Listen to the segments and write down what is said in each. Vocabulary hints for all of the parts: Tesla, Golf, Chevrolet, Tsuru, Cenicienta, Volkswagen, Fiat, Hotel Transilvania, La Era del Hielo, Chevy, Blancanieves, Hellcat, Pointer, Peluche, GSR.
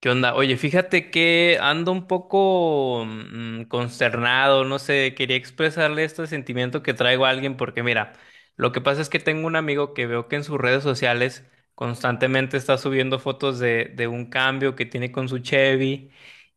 ¿Qué onda? Oye, fíjate que ando un poco consternado, no sé, quería expresarle este sentimiento que traigo a alguien, porque mira, lo que pasa es que tengo un amigo que veo que en sus redes sociales constantemente está subiendo fotos de un cambio que tiene con su Chevy.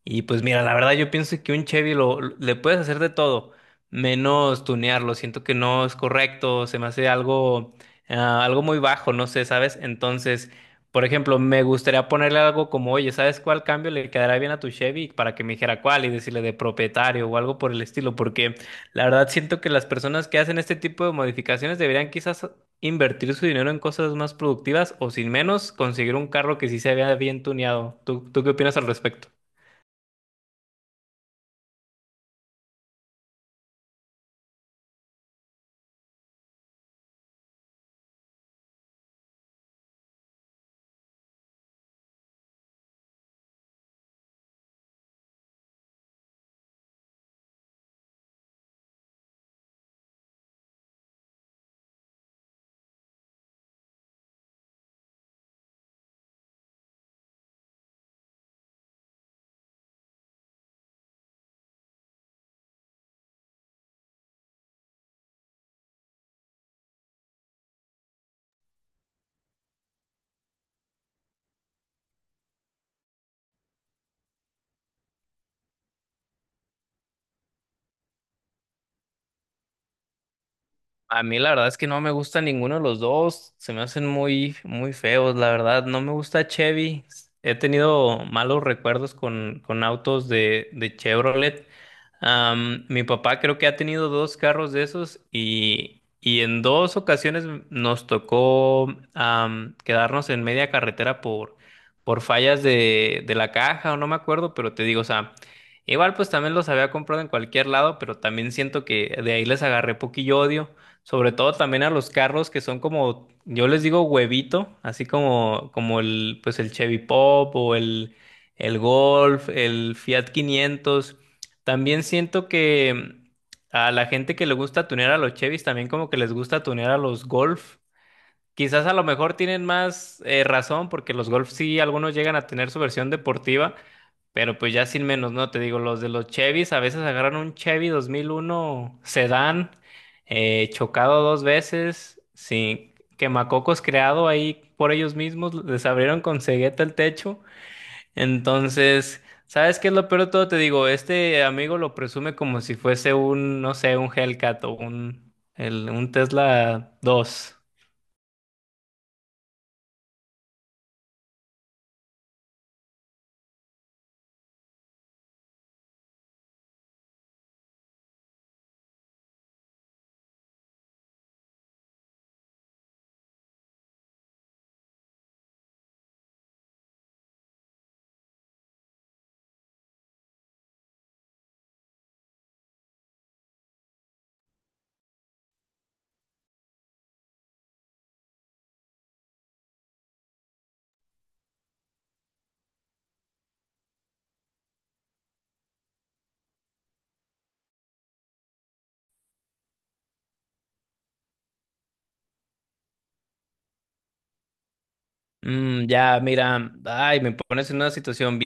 Y pues mira, la verdad yo pienso que un Chevy le puedes hacer de todo, menos tunearlo. Siento que no es correcto, se me hace algo muy bajo, no sé, ¿sabes? Entonces. Por ejemplo, me gustaría ponerle algo como: oye, ¿sabes cuál cambio le quedará bien a tu Chevy? Para que me dijera cuál y decirle de propietario o algo por el estilo, porque la verdad siento que las personas que hacen este tipo de modificaciones deberían quizás invertir su dinero en cosas más productivas o sin menos conseguir un carro que sí se vea bien tuneado. ¿Tú qué opinas al respecto? A mí la verdad es que no me gusta ninguno de los dos, se me hacen muy, muy feos, la verdad, no me gusta Chevy. He tenido malos recuerdos con autos de Chevrolet. Mi papá creo que ha tenido dos carros de esos, y en dos ocasiones nos tocó quedarnos en media carretera por fallas de la caja, o no me acuerdo, pero te digo, o sea. Igual pues también los había comprado en cualquier lado, pero también siento que de ahí les agarré poquillo odio. Sobre todo también a los carros que son como, yo les digo huevito, así como el Chevy Pop o el Golf, el Fiat 500. También siento que a la gente que le gusta tunear a los Chevys, también como que les gusta tunear a los Golf. Quizás a lo mejor tienen más razón, porque los Golf sí, algunos llegan a tener su versión deportiva, pero pues ya sin menos, ¿no? Te digo, los de los Chevys a veces agarran un Chevy 2001 sedán, chocado dos veces, sin quemacocos creado ahí por ellos mismos, les abrieron con cegueta el techo. Entonces, ¿sabes qué es lo peor de todo? Te digo, este amigo lo presume como si fuese un, no sé, un Hellcat o un Tesla dos. Mm, ya, mira, ay, me pones en una situación.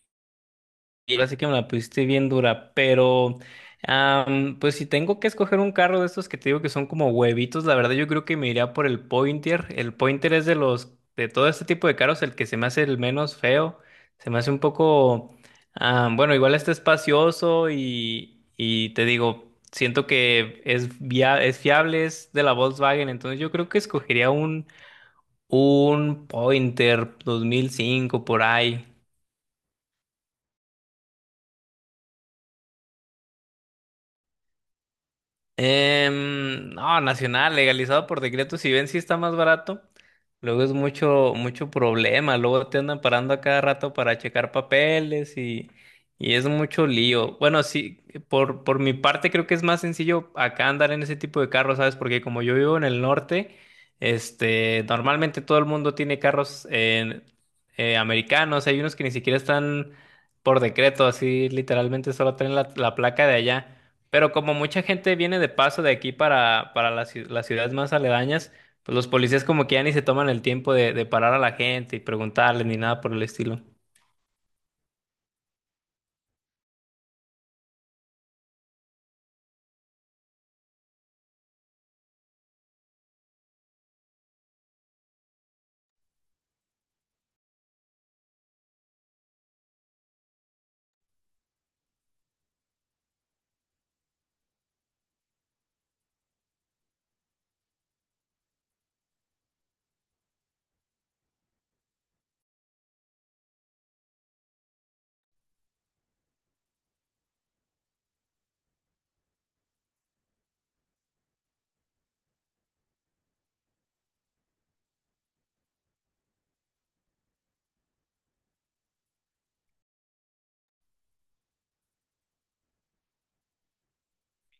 Ahora sí que me la pusiste bien dura, pero pues si tengo que escoger un carro de estos que te digo que son como huevitos, la verdad yo creo que me iría por el Pointer. El Pointer es, de los de todo este tipo de carros, el que se me hace el menos feo, se me hace un poco, bueno, igual está espacioso, y te digo, siento que es fiable, es de la Volkswagen, entonces yo creo que escogería un Pointer 2005 por ahí. No, nacional. Legalizado por decreto, si bien sí está más barato, luego es mucho, mucho problema, luego te andan parando a cada rato para checar papeles y es mucho lío. Bueno, sí, por mi parte creo que es más sencillo acá andar en ese tipo de carros, ¿sabes? Porque como yo vivo en el norte, este, normalmente todo el mundo tiene carros americanos, hay unos que ni siquiera están por decreto, así literalmente solo traen la placa de allá. Pero como mucha gente viene de paso de aquí para las ciudades más aledañas, pues los policías como que ya ni se toman el tiempo de parar a la gente y preguntarles ni nada por el estilo.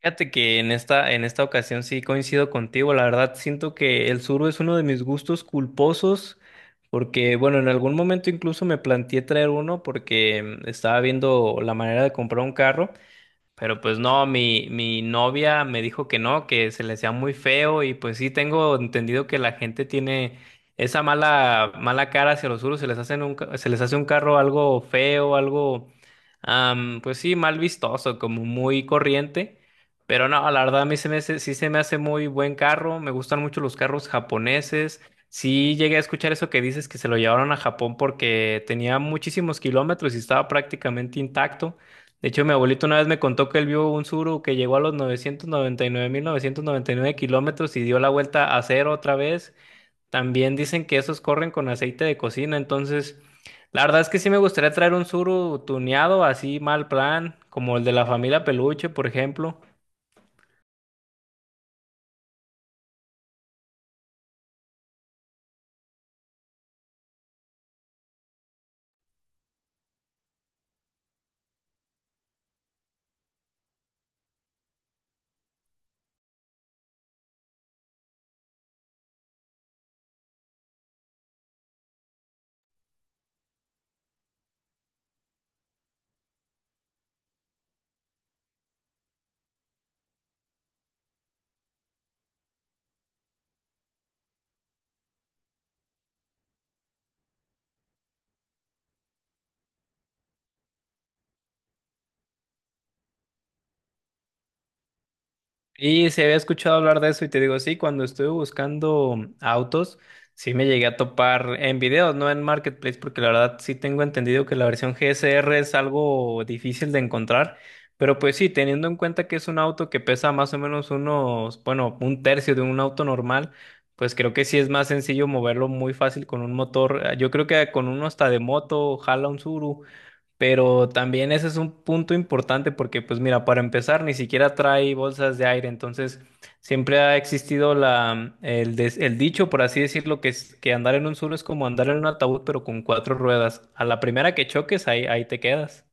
Fíjate que en esta ocasión sí coincido contigo, la verdad siento que el sur es uno de mis gustos culposos, porque bueno, en algún momento incluso me planteé traer uno porque estaba viendo la manera de comprar un carro. Pero pues no, mi novia me dijo que no, que se le hacía muy feo, y pues sí tengo entendido que la gente tiene esa mala, mala cara hacia los suros, se les hace un carro algo feo, pues sí, mal vistoso, como muy corriente. Pero no, la verdad a mí sí se me hace muy buen carro, me gustan mucho los carros japoneses. Sí llegué a escuchar eso que dices, que se lo llevaron a Japón porque tenía muchísimos kilómetros y estaba prácticamente intacto. De hecho, mi abuelito una vez me contó que él vio un suru que llegó a los 999.999 kilómetros y dio la vuelta a cero otra vez. También dicen que esos corren con aceite de cocina. Entonces, la verdad es que sí me gustaría traer un suru tuneado, así mal plan, como el de la familia Peluche, por ejemplo. Y se había escuchado hablar de eso, y te digo, sí, cuando estuve buscando autos, sí me llegué a topar en videos, no en Marketplace, porque la verdad sí tengo entendido que la versión GSR es algo difícil de encontrar, pero pues sí, teniendo en cuenta que es un auto que pesa más o menos unos, bueno, un tercio de un auto normal, pues creo que sí es más sencillo moverlo muy fácil con un motor, yo creo que con uno hasta de moto jala un Tsuru. Pero también ese es un punto importante, porque, pues mira, para empezar, ni siquiera trae bolsas de aire. Entonces, siempre ha existido el dicho, por así decirlo, que andar en un solo es como andar en un ataúd, pero con cuatro ruedas. A la primera que choques, ahí, ahí te quedas.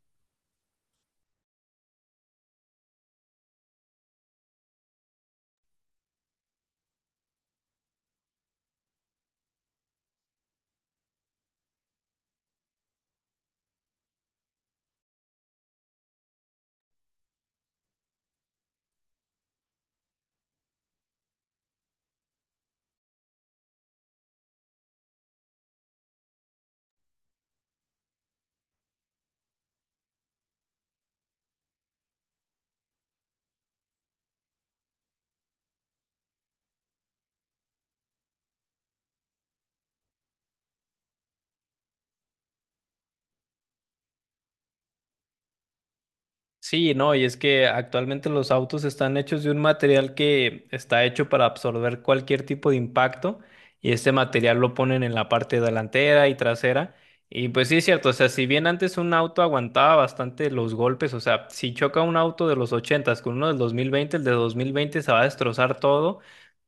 Sí, no, y es que actualmente los autos están hechos de un material que está hecho para absorber cualquier tipo de impacto, y este material lo ponen en la parte delantera y trasera. Y pues sí es cierto, o sea, si bien antes un auto aguantaba bastante los golpes, o sea, si choca un auto de los ochentas con uno del 2020, el de 2020 se va a destrozar todo,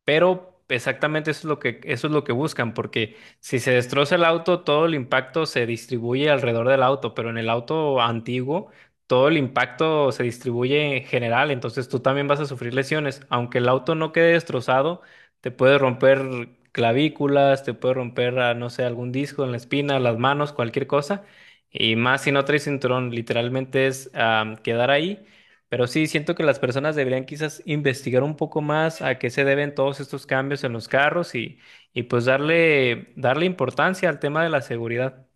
pero exactamente eso es lo que, eso es lo que buscan, porque si se destroza el auto, todo el impacto se distribuye alrededor del auto, pero en el auto antiguo todo el impacto se distribuye en general, entonces tú también vas a sufrir lesiones. Aunque el auto no quede destrozado, te puede romper clavículas, te puede romper, no sé, algún disco en la espina, las manos, cualquier cosa. Y más si no traes cinturón, literalmente es, quedar ahí. Pero sí, siento que las personas deberían quizás investigar un poco más a qué se deben todos estos cambios en los carros, y pues darle importancia al tema de la seguridad.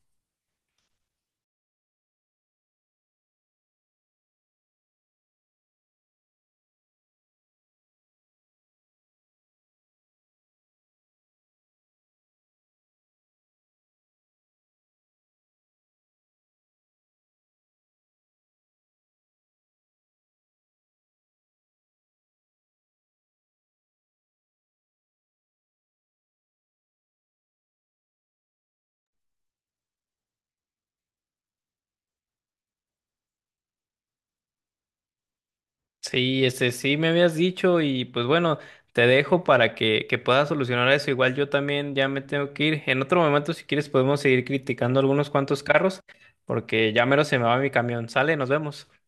Sí, este sí me habías dicho y pues bueno, te dejo para que puedas solucionar eso. Igual yo también ya me tengo que ir. En otro momento, si quieres, podemos seguir criticando algunos cuantos carros, porque ya mero se me va mi camión. Sale, nos vemos.